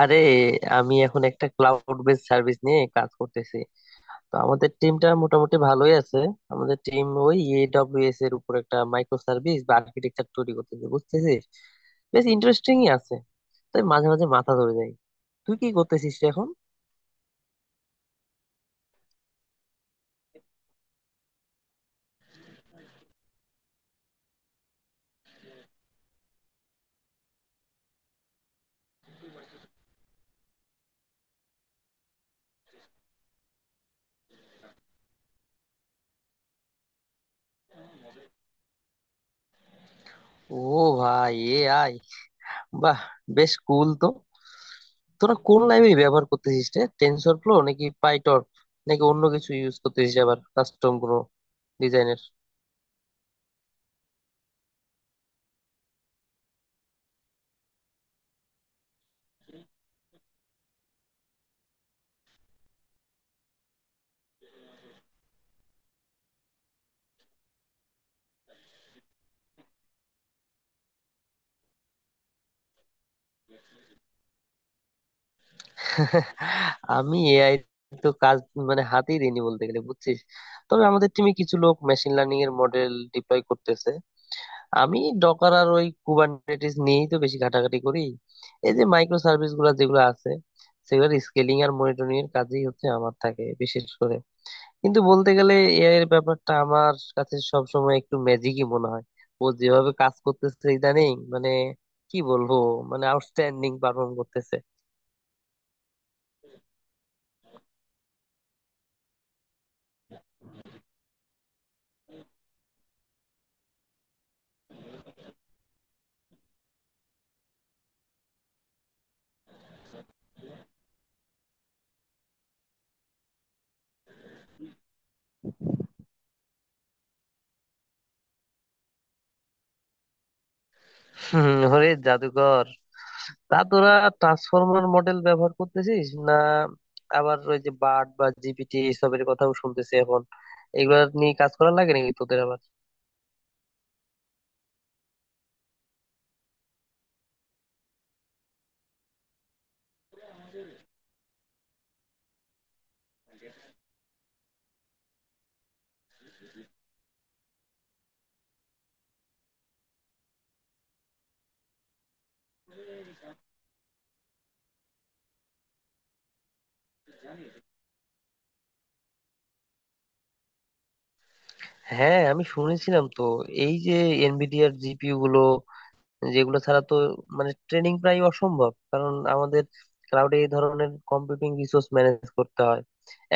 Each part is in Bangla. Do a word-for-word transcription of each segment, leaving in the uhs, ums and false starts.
আরে, আমি এখন একটা ক্লাউড বেস সার্ভিস নিয়ে কাজ করতেছি। তো আমাদের টিমটা মোটামুটি ভালোই আছে। আমাদের টিম ওই এডব্লিউএস এর উপর একটা মাইক্রো সার্ভিস বা আর্কিটেকচার তৈরি করতেছে, বুঝতেছিস? বেশ ইন্টারেস্টিংই আছে, তাই মাঝে মাঝে মাথা ধরে যায়। তুই কি করতেছিস রে এখন? ও, ভাই এ আই, বাহ, বেশ কুল তো। তোরা কোন লাইব্রেরি ব্যবহার করতেছিস রে, টেনসর ফ্লো নাকি পাইটর্ন, নাকি অন্য কিছু ইউজ করতেছিস, আবার কাস্টম কোনো ডিজাইনের? আমি এআই তো কাজ মানে হাতেই দিইনি বলতে গেলে, বুঝছিস। তবে আমাদের টিমে কিছু লোক মেশিন লার্নিং এর মডেল ডিপ্লয় করতেছে। আমি ডকার আর ওই কুবারনেটিস নিয়েই তো বেশি ঘাটাঘাটি করি। এই যে মাইক্রো সার্ভিস গুলা যেগুলো আছে, সেগুলোর স্কেলিং আর মনিটরিং এর কাজই হচ্ছে আমার থাকে বিশেষ করে। কিন্তু বলতে গেলে এআই এর ব্যাপারটা আমার কাছে সবসময় একটু ম্যাজিকই মনে হয়। ও যেভাবে কাজ করতেছে ইদানিং, মানে কি বলবো, মানে আউটস্ট্যান্ডিং পারফর্ম করতেছে। হম, ওরে জাদুকর। তা তোরা ট্রান্সফর্মার মডেল ব্যবহার করতেছিস না? আবার ওই যে বার্ড বা জিপিটি এসবের কথাও শুনতেছি এখন, এগুলা নিয়ে কাজ করা লাগে নাকি তোদের আবার? হ্যাঁ, আমি শুনেছিলাম তো, এই যে এনভিডিআর জিপিইউ গুলো, যেগুলো ছাড়া তো মানে ট্রেনিং প্রায় অসম্ভব, কারণ আমাদের ক্লাউডে এই ধরনের কম্পিউটিং রিসোর্স ম্যানেজ করতে হয়।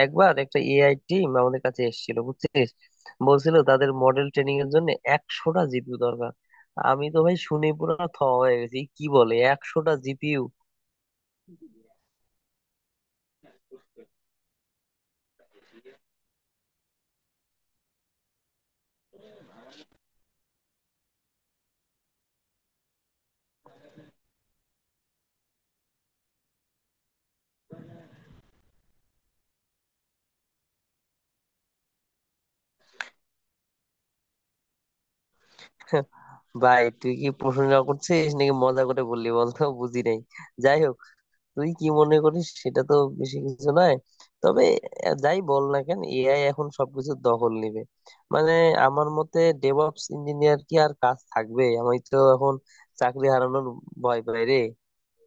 একবার একটা এআই টিম আমাদের কাছে এসেছিল, বুঝছিস, বলছিল তাদের মডেল ট্রেনিং এর জন্য একশোটা জিপিইউ দরকার। আমি তো ভাই শুনে পুরো থ হয়ে গেছি, কি বলে, একশোটা জিপিইউ! ভাই তুই কি প্রশংসা করছিস নাকি মজা করে বললি বলতো, বুঝি নাই। যাই হোক, তুই কি মনে করিস সেটা তো বেশি কিছু নয়। তবে আহ, যাই বল না কেন, এআই এখন সবকিছু দখল নেবে। মানে আমার মতে ডেভঅপস ইঞ্জিনিয়ার কি আর কাজ থাকবে? আমি তো এখন চাকরি হারানোর ভয় পাই রে।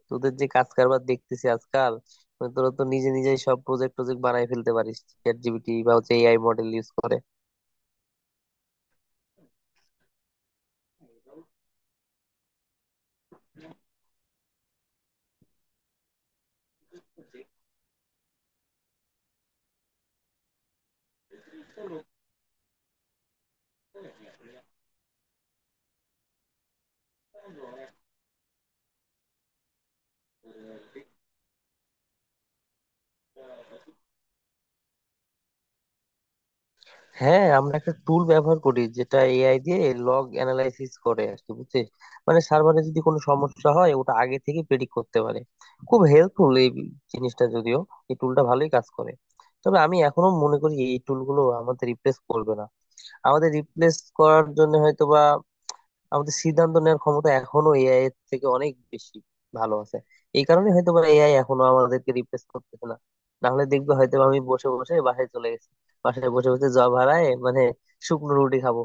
তোদের যে কাজ কারবার দেখতেছি আজকাল, মানে তোরা তো নিজে নিজেই সব প্রজেক্ট প্রজেক্ট বানাই ফেলতে পারিস চ্যাট জিপিটি বা হচ্ছে এআই মডেল ইউজ করে। হ্যাঁ, আমরা একটা টুল ব্যবহার করি যেটা এআই দিয়ে লগ অ্যানালাইসিস করে আর কি, বুঝছিস। মানে সার্ভারে যদি কোনো সমস্যা হয় ওটা আগে থেকে প্রেডিক্ট করতে পারে। খুব হেল্পফুল এই জিনিসটা। যদিও এই টুলটা ভালোই কাজ করে, তবে আমি এখনো মনে করি এই টুলগুলো আমাদের রিপ্লেস করবে না। আমাদের রিপ্লেস করার জন্য হয়তো বা, আমাদের সিদ্ধান্ত নেওয়ার ক্ষমতা এখনো এআই এর থেকে অনেক বেশি ভালো আছে। এই কারণে হয়তো বা এআই এখনো আমাদেরকে রিপ্লেস করতেছে না। না হলে দেখবে হয়তো বা আমি বসে বসে বাসায় চলে গেছি, বাসায় বসে বসে জব হারায় মানে শুকনো রুটি খাবো।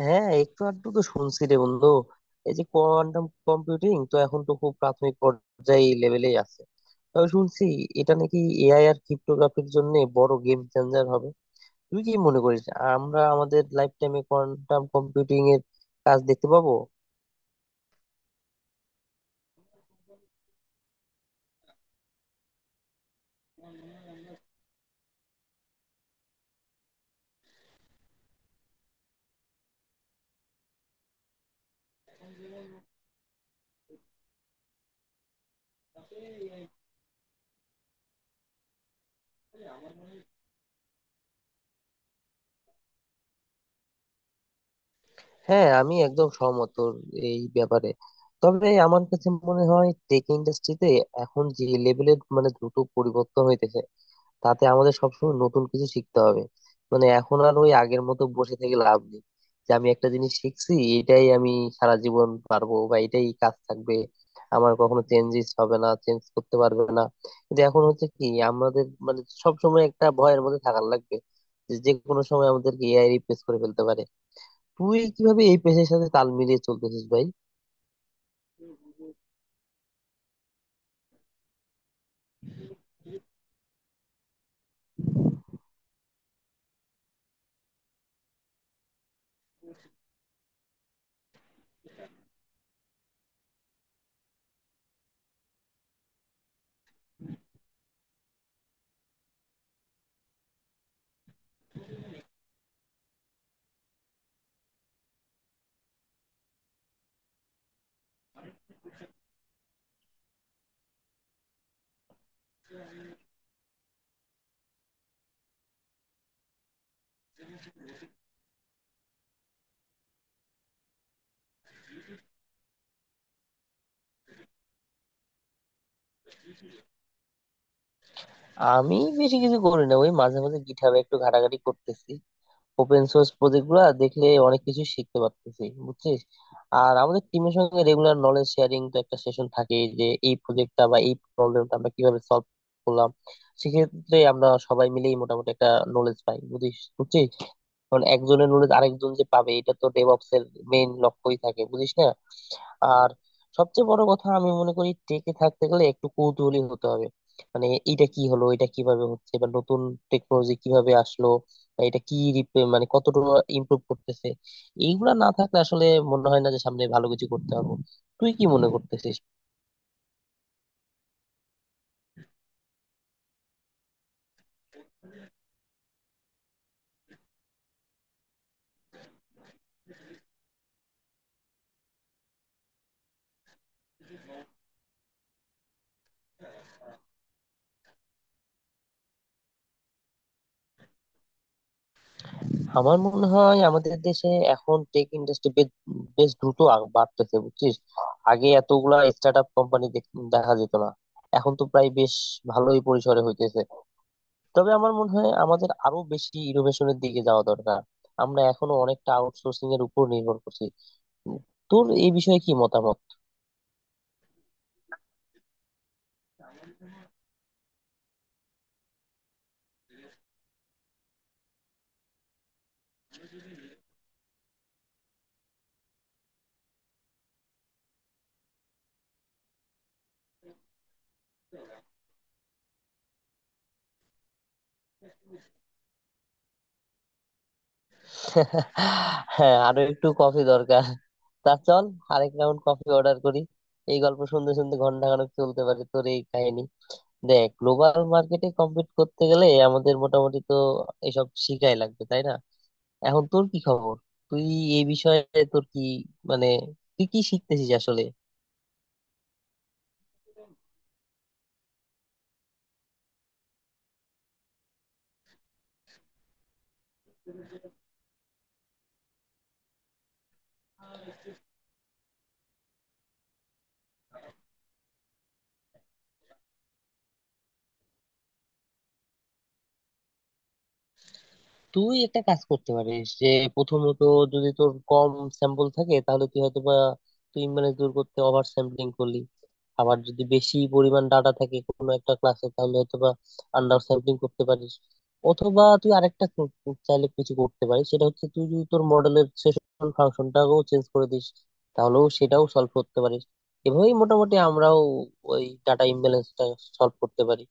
হ্যাঁ, একটু আধটু তো শুনছি রে বন্ধু। এই যে কোয়ান্টাম কম্পিউটিং তো এখন তো খুব প্রাথমিক পর্যায়ে লেভেলেই আছে। তবে শুনছি এটা নাকি এআই আর ক্রিপ্টোগ্রাফির জন্য বড় গেম চেঞ্জার হবে। তুই কি মনে করিস আমরা আমাদের লাইফ টাইমে কোয়ান্টাম কম্পিউটিং এর কাজ দেখতে পাবো? হ্যাঁ, আমি একদম সহমত তোর এই ব্যাপারে। তবে আমার কাছে মনে হয় টেক ইন্ডাস্ট্রিতে এখন যে লেভেলের মানে দ্রুত পরিবর্তন হইতেছে, তাতে আমাদের সবসময় নতুন কিছু শিখতে হবে। মানে এখন আর ওই আগের মতো বসে থেকে লাভ নেই যে আমি একটা জিনিস শিখছি, এটাই আমি সারা জীবন পারবো বা এটাই কাজ থাকবে, আমার কখনো চেঞ্জেস হবে না, চেঞ্জ করতে পারবে না। কিন্তু এখন হচ্ছে কি, আমাদের মানে সবসময় একটা ভয়ের মধ্যে থাকার লাগবে যে যে কোনো সময় আমাদেরকে এআই রিপ্লেস করে ফেলতে পারে। তুই কিভাবে এই পেশার সাথে তাল মিলিয়ে চলতেছিস ভাই? আমি বেশি কিছু করি না, ওই মাঝে মাঝে গিটহাবে একটু ঘাটাঘাটি করতেছি। ওপেন সোর্স প্রজেক্ট গুলা দেখলে অনেক কিছু শিখতে পারতেছি, বুঝছিস। আর আমাদের টিমের সঙ্গে রেগুলার নলেজ শেয়ারিং তো একটা সেশন থাকে, যে এই প্রজেক্টটা বা এই প্রবলেমটা আমরা কিভাবে সলভ করলাম। সেক্ষেত্রে আমরা সবাই মিলেই মোটামুটি একটা নলেজ পাই, বুঝিস বুঝছিস। কারণ একজনের নলেজ আরেকজন যে পাবে এটা তো ডেভঅপস এর মেইন লক্ষ্যই থাকে, বুঝিস না। আর সবচেয়ে বড় কথা, আমি মনে করি টেকে থাকতে গেলে একটু কৌতূহলী হতে হবে। মানে এটা কি হলো, এটা কিভাবে হচ্ছে, বা নতুন টেকনোলজি কিভাবে আসলো, বা এটা কি রিপ- মানে কতটুকু ইমপ্রুভ করতেছে। এইগুলা না থাকলে আসলে মনে হয় না যে সামনে ভালো কিছু করতে পারবো। তুই কি মনে করতেছিস? আমার মনে হয় আমাদের দেশে এখন টেক ইন্ডাস্ট্রি বেশ বেশ দ্রুত আগ- বাড়তেছে, বুঝছিস। আগে এতগুলা স্টার্ট আপ কোম্পানি দেখা যেত না, এখন তো প্রায় বেশ ভালোই পরিসরে হইতেছে। তবে আমার মনে হয় আমাদের আরো বেশি ইনোভেশনের দিকে যাওয়া দরকার। আমরা এখনো অনেকটা আউটসোর্সিং এর উপর নির্ভর করছি। তোর এই বিষয়ে কি মতামত? হ্যাঁ, আরো একটু কফি দরকার। তা চল, আরেক রাউন্ড কফি অর্ডার করি। এই গল্প শুনতে শুনতে ঘন্টা খানেক চলতে পারে তোর এই কাহিনী। দেখ, গ্লোবাল মার্কেটে কম্পিট করতে গেলে আমাদের মোটামুটি তো এসব শিখাই লাগবে, তাই না? এখন তোর কি খবর? তুই এই বিষয়ে, তোর কি মানে, তুই কি শিখতেছিস আসলে? তুই একটা কাজ করতে পারিস যে, প্রথমত যদি তোর কম স্যাম্পল থাকে, তাহলে তুই হয়তো বা, তুই মানে দূর করতে ওভার স্যাম্পলিং করলি। আবার যদি বেশি পরিমাণ ডাটা থাকে কোনো একটা ক্লাসে, তাহলে হয়তো বা আন্ডার স্যাম্পলিং করতে পারিস। অথবা তুই আরেকটা কর- চাইলে কিছু করতে পারিস, সেটা হচ্ছে তুই যদি তোর মডেলের সেশন ফাংশনটাকেও চেঞ্জ করে দিস, তাহলেও সেটাও সলভ করতে পারিস। এভাবেই মোটামুটি আমরাও ওই ডাটা ইমব্যালেন্সটা সলভ করতে পারি।